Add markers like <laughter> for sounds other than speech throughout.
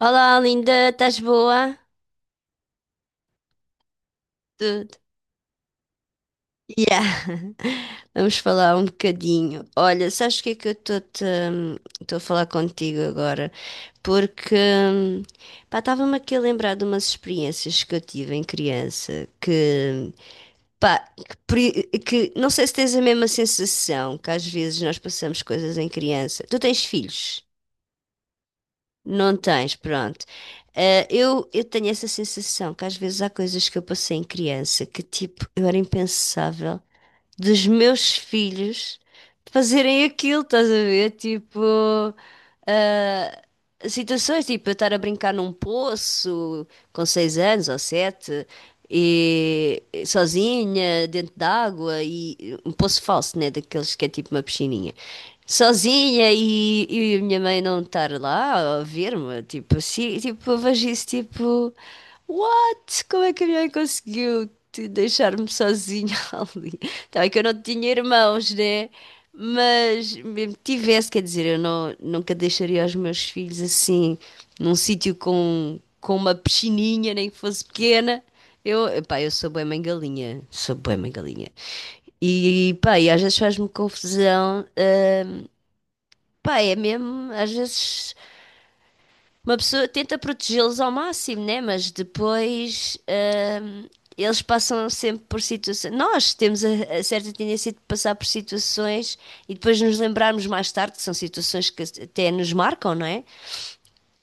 Olá, linda, estás boa? Tudo. Yeah. <laughs> Vamos falar um bocadinho. Olha, sabes o que é que eu estou-te, estou a falar contigo agora? Porque, pá, estava-me aqui a lembrar de umas experiências que eu tive em criança que, pá, que, que não sei se tens a mesma sensação que às vezes nós passamos coisas em criança. Tu tens filhos? Não tens, pronto. Eu tenho essa sensação que às vezes há coisas que eu passei em criança que, tipo, eu era impensável dos meus filhos fazerem aquilo, estás a ver? Tipo, eh, situações, tipo, eu estar a brincar num poço com 6 anos ou sete e, sozinha, dentro d'água, e um poço falso, né? Daqueles que é tipo uma piscininha. Sozinha e a minha mãe não estar lá a ver-me, tipo assim, tipo, eu vejo isso, tipo, what? Como é que a minha mãe conseguiu te deixar-me sozinha <laughs> ali? Tá bem que eu não tinha irmãos, né? Mas mesmo que tivesse, quer dizer, eu não, nunca deixaria os meus filhos assim, num sítio com uma piscininha, nem que fosse pequena. Pá, eu sou bué mãe galinha. Sou bué mãe galinha. E pá, às vezes faz-me confusão. Pá, é mesmo, às vezes uma pessoa tenta protegê-los ao máximo, né? Mas depois hum, eles passam sempre por situações. Nós temos a certa tendência de passar por situações e depois nos lembrarmos mais tarde, que são situações que até nos marcam, não é?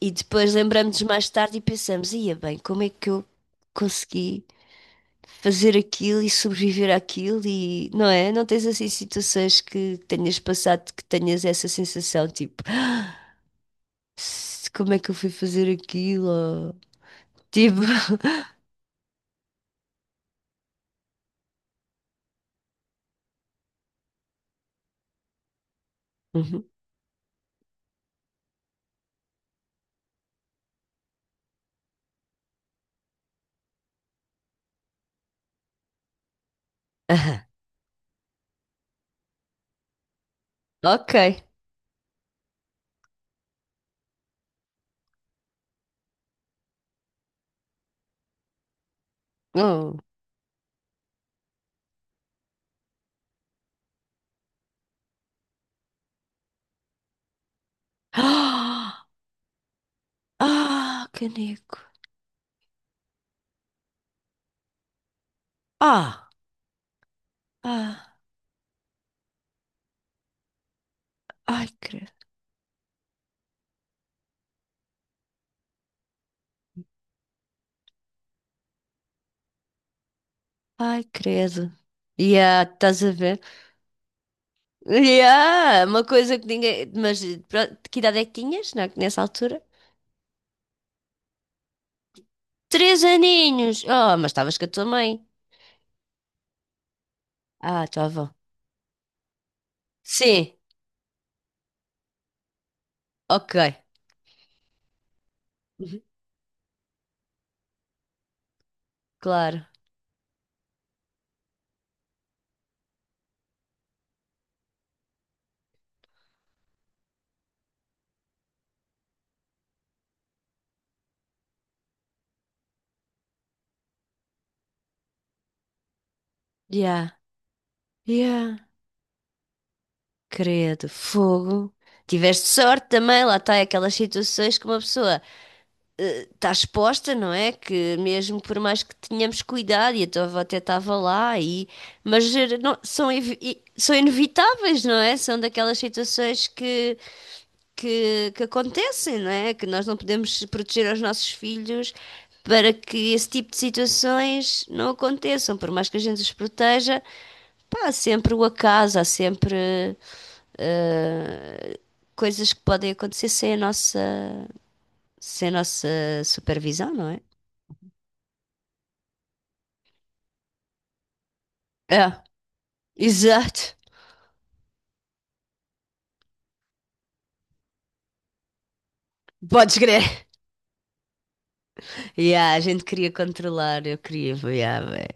E depois lembramos-nos mais tarde e pensamos, ia bem, como é que eu consegui fazer aquilo e sobreviver àquilo, e não é? Não tens assim situações que tenhas passado que tenhas essa sensação, tipo ah, como é que eu fui fazer aquilo? Ou, tipo... <laughs> Uhum. Aham. Ok. Oh. <gasps> Ah, ah, caneco. Ah, ah, ai, credo. Ai, credo. Yeah, estás a ver? Yeah, uma coisa que ninguém. Mas pronto, que idade é que tinhas nessa altura? 3 aninhos! Oh, mas estavas com a tua mãe. Ah, estava. Sim, ok. Uhum. Claro. Yeah, yeah. Credo, fogo. Tiveste sorte também, lá está, aquelas situações que uma pessoa está exposta, não é? Que mesmo por mais que tenhamos cuidado, e a tua avó até estava lá, e... mas são inevitáveis, não é? São daquelas situações que acontecem, não é? Que nós não podemos proteger os nossos filhos para que esse tipo de situações não aconteçam. Por mais que a gente os proteja, pá, há sempre o acaso, há sempre eh, coisas que podem acontecer sem a nossa, sem a nossa supervisão, não é? É, exato. Podes crer. Yeah, a gente queria controlar, eu queria, yeah, bem.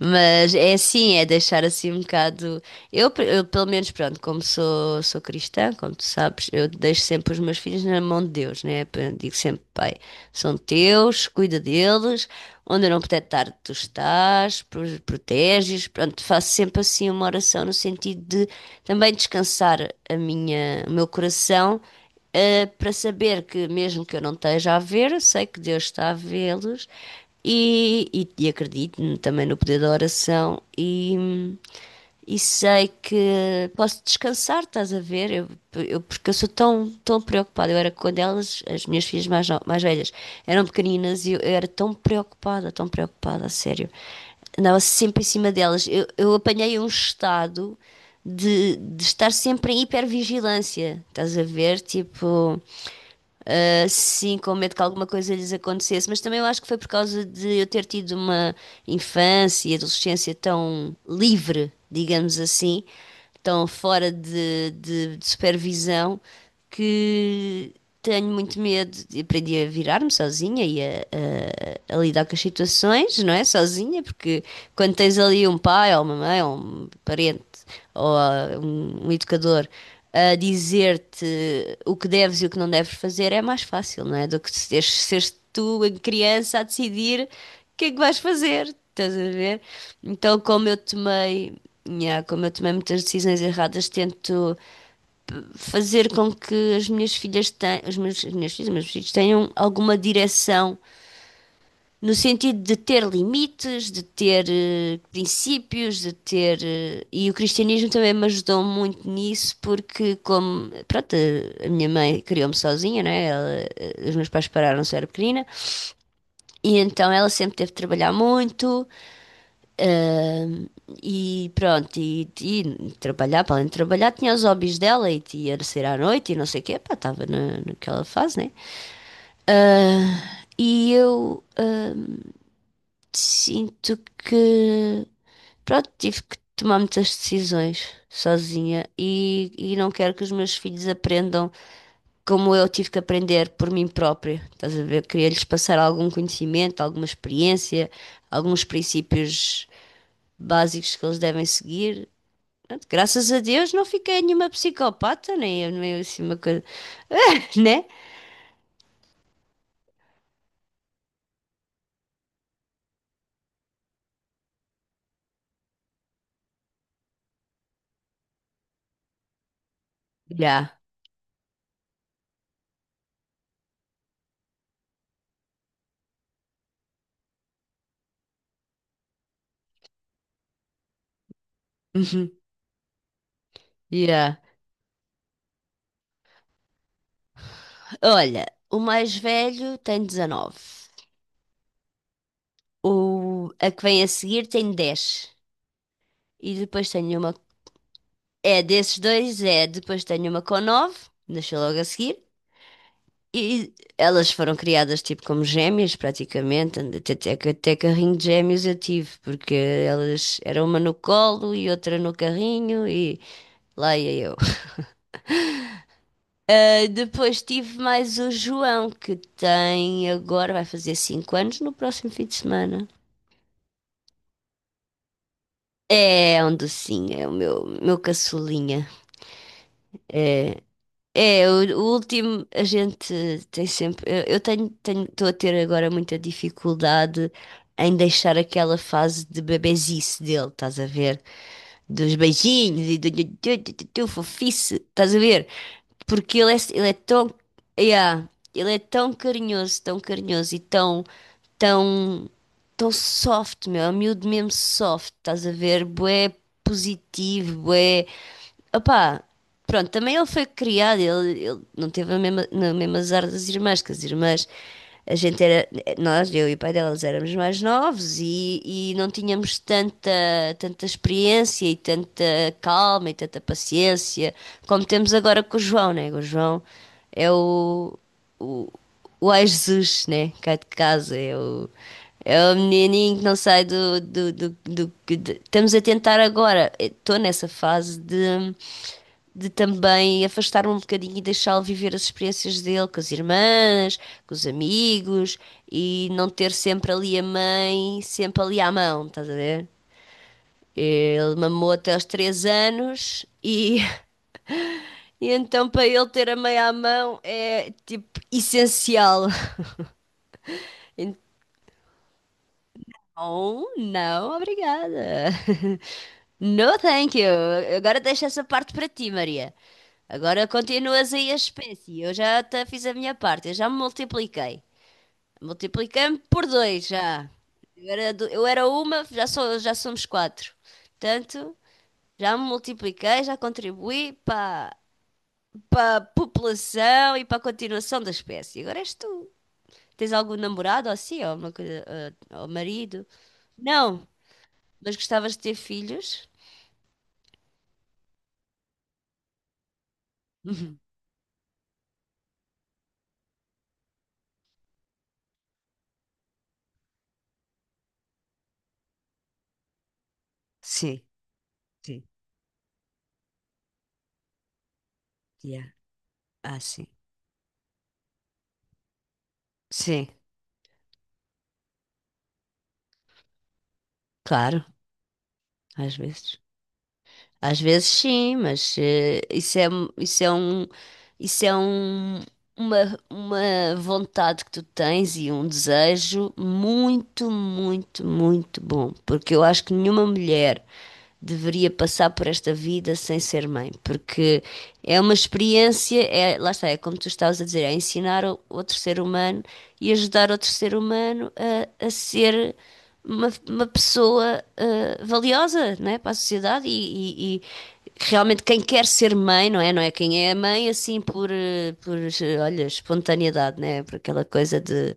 Mas é assim, é deixar assim um bocado. Eu, pelo menos, pronto, como sou cristã, como tu sabes, eu deixo sempre os meus filhos na mão de Deus, né? Eu digo sempre, pai, são teus, cuida deles, onde eu não puder estar, tu estás, proteges. Pronto, faço sempre assim uma oração no sentido de também descansar o meu coração, para saber que mesmo que eu não esteja a ver, eu sei que Deus está a vê-los, e acredito também no poder da oração e sei que posso descansar, estás a ver? Porque eu sou tão, tão preocupada. Eu era, quando elas, as minhas filhas mais, no- mais velhas, eram pequeninas, e eu era tão preocupada, a sério. Andava sempre em cima delas. Eu apanhei um estado de estar sempre em hipervigilância, estás a ver? Tipo. Sim, com medo que alguma coisa lhes acontecesse. Mas também eu acho que foi por causa de eu ter tido uma infância e adolescência tão livre, digamos assim, tão fora de supervisão, que tenho muito medo. Aprendi a virar-me sozinha e a lidar com as situações, não é? Sozinha, porque quando tens ali um pai ou uma mãe ou um parente ou um educador a dizer-te o que deves e o que não deves fazer, é mais fácil, não é? Do que seres tu, a criança, a decidir o que é que vais fazer, estás a ver? Então, como eu tomei muitas decisões erradas, tento fazer com que as minhas filhas tenham, os meus, as minhas filhas, os meus filhos tenham alguma direção, no sentido de ter limites, de ter princípios, e o cristianismo também me ajudou muito nisso, porque, como... Pronto, a minha mãe criou-me sozinha, né? Os meus pais pararam-se, eu era pequenina, e então ela sempre teve de trabalhar muito, ahm, e pronto, e trabalhar, para além de trabalhar, tinha os hobbies dela, e ia sair à noite, e não sei o quê, pá, estava naquela fase, né? Ah, e eu ah, Sinto que, pronto, tive que tomar muitas decisões sozinha, e não quero que os meus filhos aprendam como eu tive que aprender por mim própria. Estás a ver? Queria-lhes passar algum conhecimento, alguma experiência, alguns princípios básicos que eles devem seguir. Pronto, graças a Deus não fiquei nenhuma psicopata, nem assim uma coisa, <laughs> né? Já. Uhum. Já. <laughs> Olha, o mais velho tem 19. O, a que vem a seguir tem 10. E depois tenho uma. É desses dois, é. Depois tenho uma com nove. Nasceu logo a seguir. E elas foram criadas tipo como gêmeas, praticamente. Até carrinho de gêmeos eu tive, porque elas era uma no colo e outra no carrinho, e lá ia eu. Ah, depois tive mais o João, que tem agora, vai fazer 5 anos no próximo fim de semana. É um docinho, é o meu caçulinha. É. O último, a gente tem sempre. Estou a ter agora muita dificuldade em deixar aquela fase de bebezice dele, estás a ver? Dos beijinhos e do fofice, estás a ver? Porque ele é tão... Yeah, ele é tão carinhoso e tão, tão, tão soft, meu, é um miúdo mesmo soft, estás a ver? Bué positivo, bué. Opá, pronto, também ele foi criado, ele não teve na mesma azar das irmãs, que as irmãs, a gente era, nós, eu e o pai delas, éramos mais novos e não tínhamos tanta, tanta experiência e tanta calma e tanta paciência como temos agora com o João, né? O João é o Jesus, né? Cá de casa, é o menininho que não sai do... Estamos a tentar agora. Estou nessa fase de também afastar-me um bocadinho e deixá-lo viver as experiências dele com as irmãs, com os amigos, e não ter sempre ali a mãe, sempre ali à mão, estás a ver? Ele mamou até aos 3 anos, e, <laughs> e então, para ele, ter a mãe à mão é tipo essencial. <laughs> Ou não, obrigada. <laughs> No thank you. Agora deixa essa parte para ti, Maria. Agora continuas aí a espécie. Eu já te fiz a minha parte, eu já me multipliquei. Multipliquei-me por dois já. Eu era, eu era uma, já, sou, já somos quatro. Portanto, já me multipliquei, já contribuí para a população e para a continuação da espécie. Agora és tu. Tens algum namorado ou assim, ou, uma coisa, ou marido? Não. Mas gostavas de ter filhos? Sim, sim, yeah. Ah, sim. Sim, claro, às vezes. Às vezes sim, mas isso é, isso é um, uma vontade que tu tens, e um desejo muito, muito, muito bom. Porque eu acho que nenhuma mulher deveria passar por esta vida sem ser mãe, porque é uma experiência, é, lá está, é como tu estavas a dizer, é ensinar outro ser humano e ajudar outro ser humano a ser uma pessoa valiosa, né, para a sociedade e realmente quem quer ser mãe, não é? Não é quem é mãe assim por olha, espontaneidade, né? Por aquela coisa de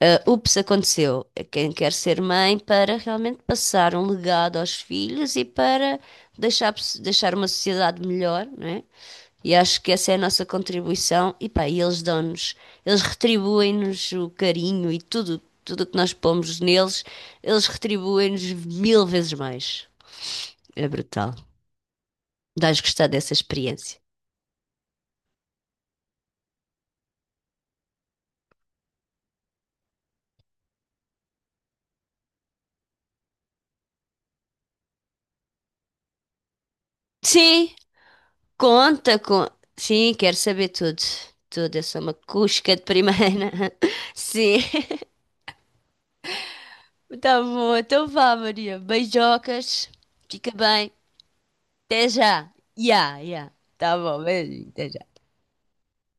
ups, aconteceu. É quem quer ser mãe para realmente passar um legado aos filhos e para deixar, deixar uma sociedade melhor, não é? E acho que essa é a nossa contribuição. E pá, eles dão-nos, eles retribuem-nos o carinho, e tudo, tudo o que nós pomos neles, eles retribuem-nos mil vezes mais. É brutal. Dás gostar dessa experiência. Sim, conta com. Sim, quero saber tudo. Tudo, eu sou uma cusca de primeira. <laughs> Sim, tá bom, então vá, Maria. Beijocas, fica bem. Até já. Ya, ya. Tá bom, beijinho, até já.